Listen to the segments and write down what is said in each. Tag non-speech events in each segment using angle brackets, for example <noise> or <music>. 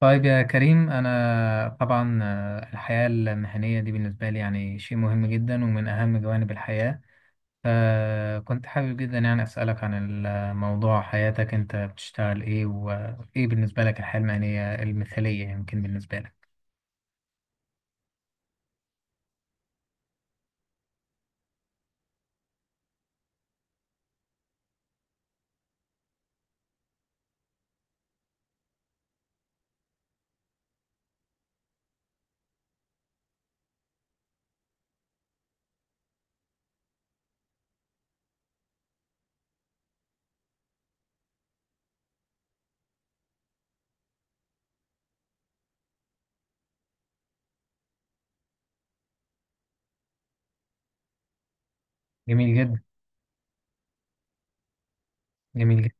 طيب يا كريم، أنا طبعا الحياة المهنية دي بالنسبة لي يعني شيء مهم جدا ومن أهم جوانب الحياة. فكنت حابب جدا يعني أسألك عن الموضوع، حياتك أنت بتشتغل إيه؟ وإيه بالنسبة لك الحياة المهنية المثالية يمكن بالنسبة لك؟ جميل جدا. جميل جدا.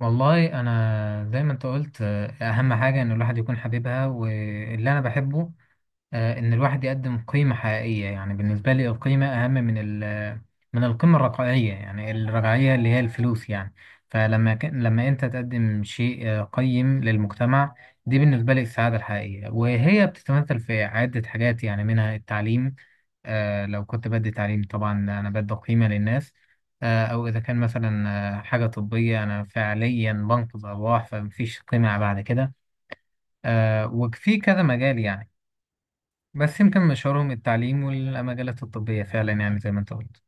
والله أنا زي ما أنت قلت، أهم حاجة إن الواحد يكون حبيبها واللي أنا بحبه. ان الواحد يقدم قيمة حقيقية. يعني بالنسبة لي القيمة اهم من من القيمة الرقعية، يعني الرقعية اللي هي الفلوس يعني. فلما لما انت تقدم شيء قيم للمجتمع، دي بالنسبة لي السعادة الحقيقية، وهي بتتمثل في عدة حاجات يعني منها التعليم. لو كنت بدي تعليم طبعا انا بدي قيمة للناس. او اذا كان مثلا حاجة طبية، انا فعليا بنقذ ارواح، فمفيش قيمة بعد كده. وفي كذا مجال يعني. بس يمكن مشوارهم التعليم والمجالات الطبية، فعلا يعني زي ما انت قلت.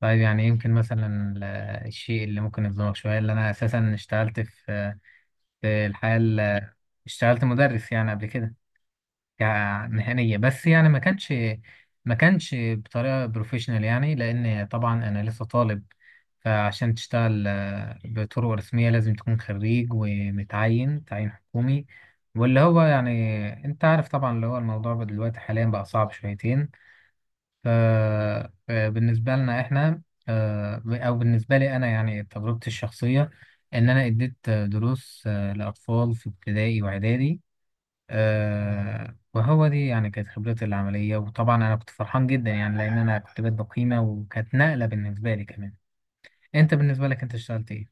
طيب، يعني يمكن مثلا الشيء اللي ممكن يظلمك شوية، اللي أنا أساسا اشتغلت في في الحياة اشتغلت مدرس يعني قبل كده، كمهنية، بس يعني ما كانش بطريقة بروفيشنال، يعني لأن طبعا أنا لسه طالب. فعشان تشتغل بطرق رسمية لازم تكون خريج ومتعين تعيين حكومي، واللي هو يعني انت عارف طبعا، اللي هو الموضوع دلوقتي حاليا بقى صعب شويتين. ف- فبالنسبة لنا إحنا، أو بالنسبة لي أنا، يعني تجربتي الشخصية إن أنا اديت دروس لأطفال في ابتدائي وإعدادي. وهو دي يعني كانت خبرتي العملية، وطبعا أنا كنت فرحان جدا يعني لأن أنا كنت بادئ قيمة وكانت نقلة بالنسبة لي كمان. أنت بالنسبة لك، أنت اشتغلت إيه؟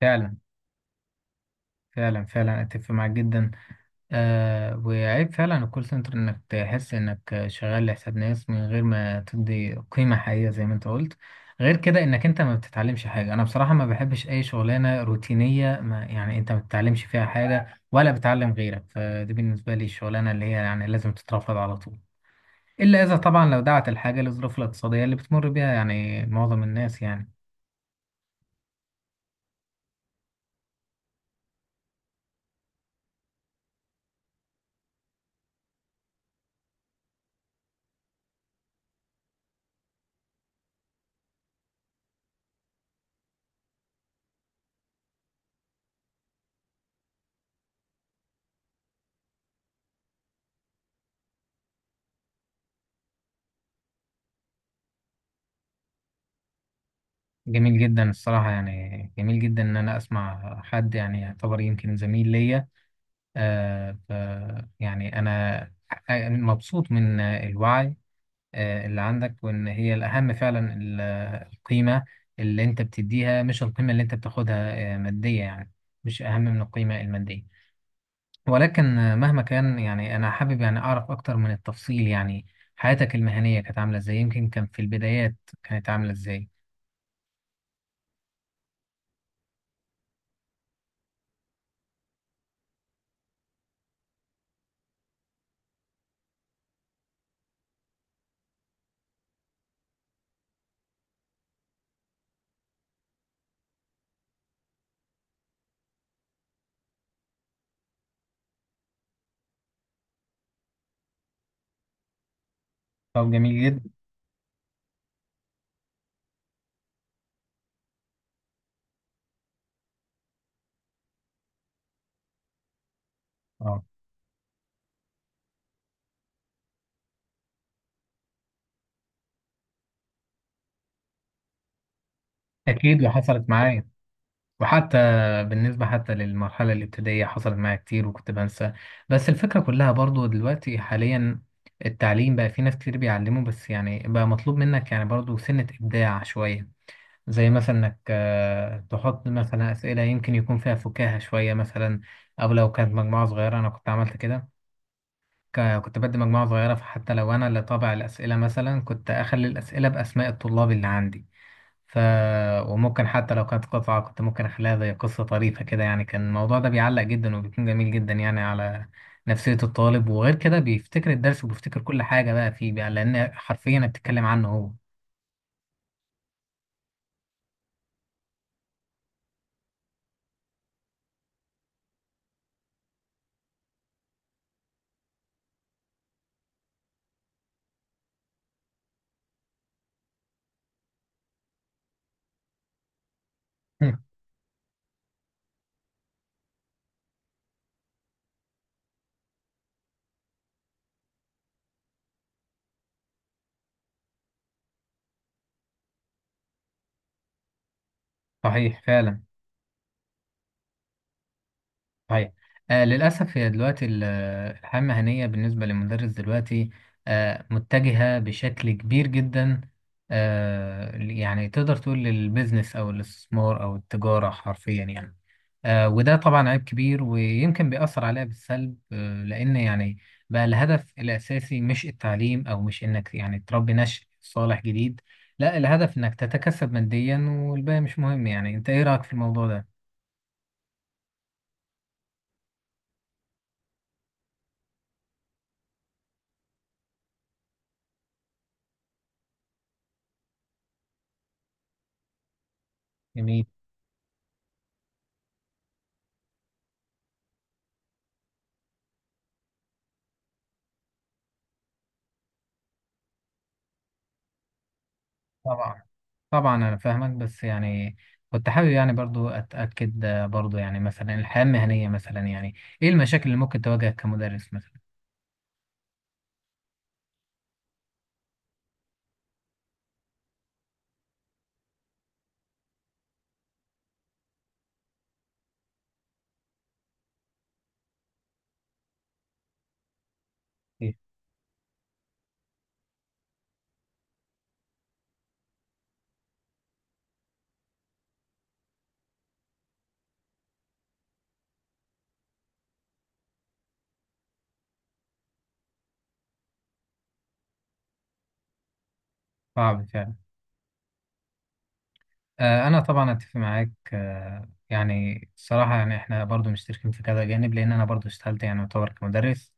فعلا، فعلا، فعلا، أتفق معاك جدا. وعيب فعلا الكول سنتر انك تحس انك شغال لحساب ناس من غير ما تدي قيمة حقيقية زي ما انت قلت. غير كده انك انت ما بتتعلمش حاجة. انا بصراحة ما بحبش اي شغلانة روتينية، ما يعني انت ما بتتعلمش فيها حاجة ولا بتعلم غيرك. فدي بالنسبة لي الشغلانة اللي هي يعني لازم تترفض على طول، الا اذا طبعا لو دعت الحاجة للظروف الاقتصادية اللي بتمر بيها يعني معظم الناس يعني. جميل جدا الصراحة، يعني جميل جدا ان انا اسمع حد يعني يعتبر يمكن زميل ليا. آه، ف يعني أنا مبسوط من الوعي اللي عندك، وإن هي الأهم فعلا القيمة اللي أنت بتديها مش القيمة اللي أنت بتاخدها مادية يعني، مش أهم من القيمة المادية. ولكن مهما كان يعني أنا حابب يعني أعرف أكتر من التفصيل، يعني حياتك المهنية كانت عاملة إزاي؟ يمكن كان في البدايات كانت عاملة إزاي؟ طب، جميل جدا. أه. أكيد. وحصلت معايا، وحتى بالنسبة، حتى للمرحلة الابتدائية، حصلت معايا كتير وكنت بنسى. بس الفكرة كلها برضو دلوقتي حاليا التعليم بقى في ناس كتير بيعلموا، بس يعني بقى مطلوب منك يعني برضو سنة إبداع شوية، زي مثلا إنك تحط مثلا أسئلة يمكن يكون فيها فكاهة شوية مثلا. أو لو كانت مجموعة صغيرة أنا كنت عملت كده. كنت بدي مجموعة صغيرة، فحتى لو أنا اللي طابع الأسئلة مثلا كنت أخلي الأسئلة بأسماء الطلاب اللي عندي. ف وممكن حتى لو كانت قطعة كنت ممكن أخليها زي قصة طريفة كده، يعني كان الموضوع ده بيعلق جدا وبيكون جميل جدا يعني على نفسية الطالب. وغير كده بيفتكر الدرس وبيفتكر كل حاجة بقى فيه بقى، لأن حرفيا بتتكلم عنه هو. <laughs> صحيح فعلا. صحيح. للأسف هي دلوقتي الحياة المهنية بالنسبة للمدرس دلوقتي متجهة بشكل كبير جدا. يعني تقدر تقول للبيزنس أو الاستثمار أو التجارة حرفيا يعني. وده طبعا عيب كبير ويمكن بيأثر عليها بالسلب، لأن يعني بقى الهدف الأساسي مش التعليم أو مش إنك يعني تربي نشء صالح جديد. لا، الهدف إنك تتكسب ماديا والباقي مش مهم. يعني أنت إيه رأيك في الموضوع ده؟ جميل. طبعا، طبعا، انا فاهمك بس يعني كنت حابب يعني برضو اتاكد. برضو يعني مثلا الحياه المهنيه مثلا، يعني ايه المشاكل اللي ممكن تواجهك كمدرس مثلا؟ إيه؟ صعب فعلا. انا طبعا اتفق معاك. يعني الصراحه يعني احنا برضو مشتركين في كذا جانب، لان انا برضو اشتغلت يعني يعتبر كمدرس.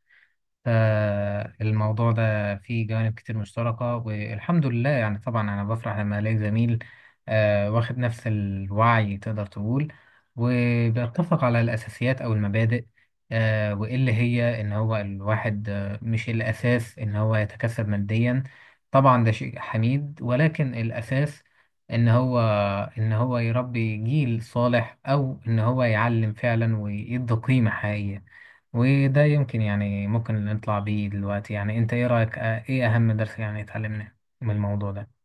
فالموضوع ده فيه جوانب كتير مشتركة، والحمد لله يعني طبعا أنا بفرح لما ألاقي زميل واخد نفس الوعي تقدر تقول، وبيتفق على الأساسيات أو المبادئ. وإيه اللي هي إن هو الواحد مش الأساس إن هو يتكسب ماديا. طبعا ده شيء حميد، ولكن الأساس إن هو إن هو يربي جيل صالح أو إن هو يعلم فعلا ويدي قيمة حقيقية. وده يمكن يعني ممكن نطلع بيه دلوقتي. يعني انت ايه رأيك؟ اه، ايه اهم درس يعني اتعلمناه من الموضوع ده؟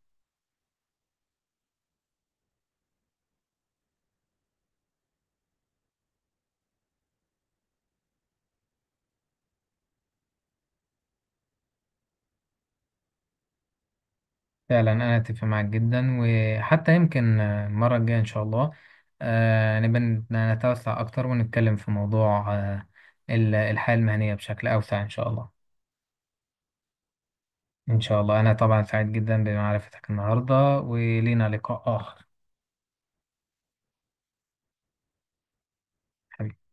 فعلا انا اتفق معاك جدا، وحتى يمكن المرة الجاية ان شاء الله نبقى نتوسع اكتر ونتكلم في موضوع الحياة المهنية بشكل اوسع ان شاء الله. ان شاء الله. انا طبعا سعيد جدا بمعرفتك النهاردة، ولينا لقاء اخر. حبيبي.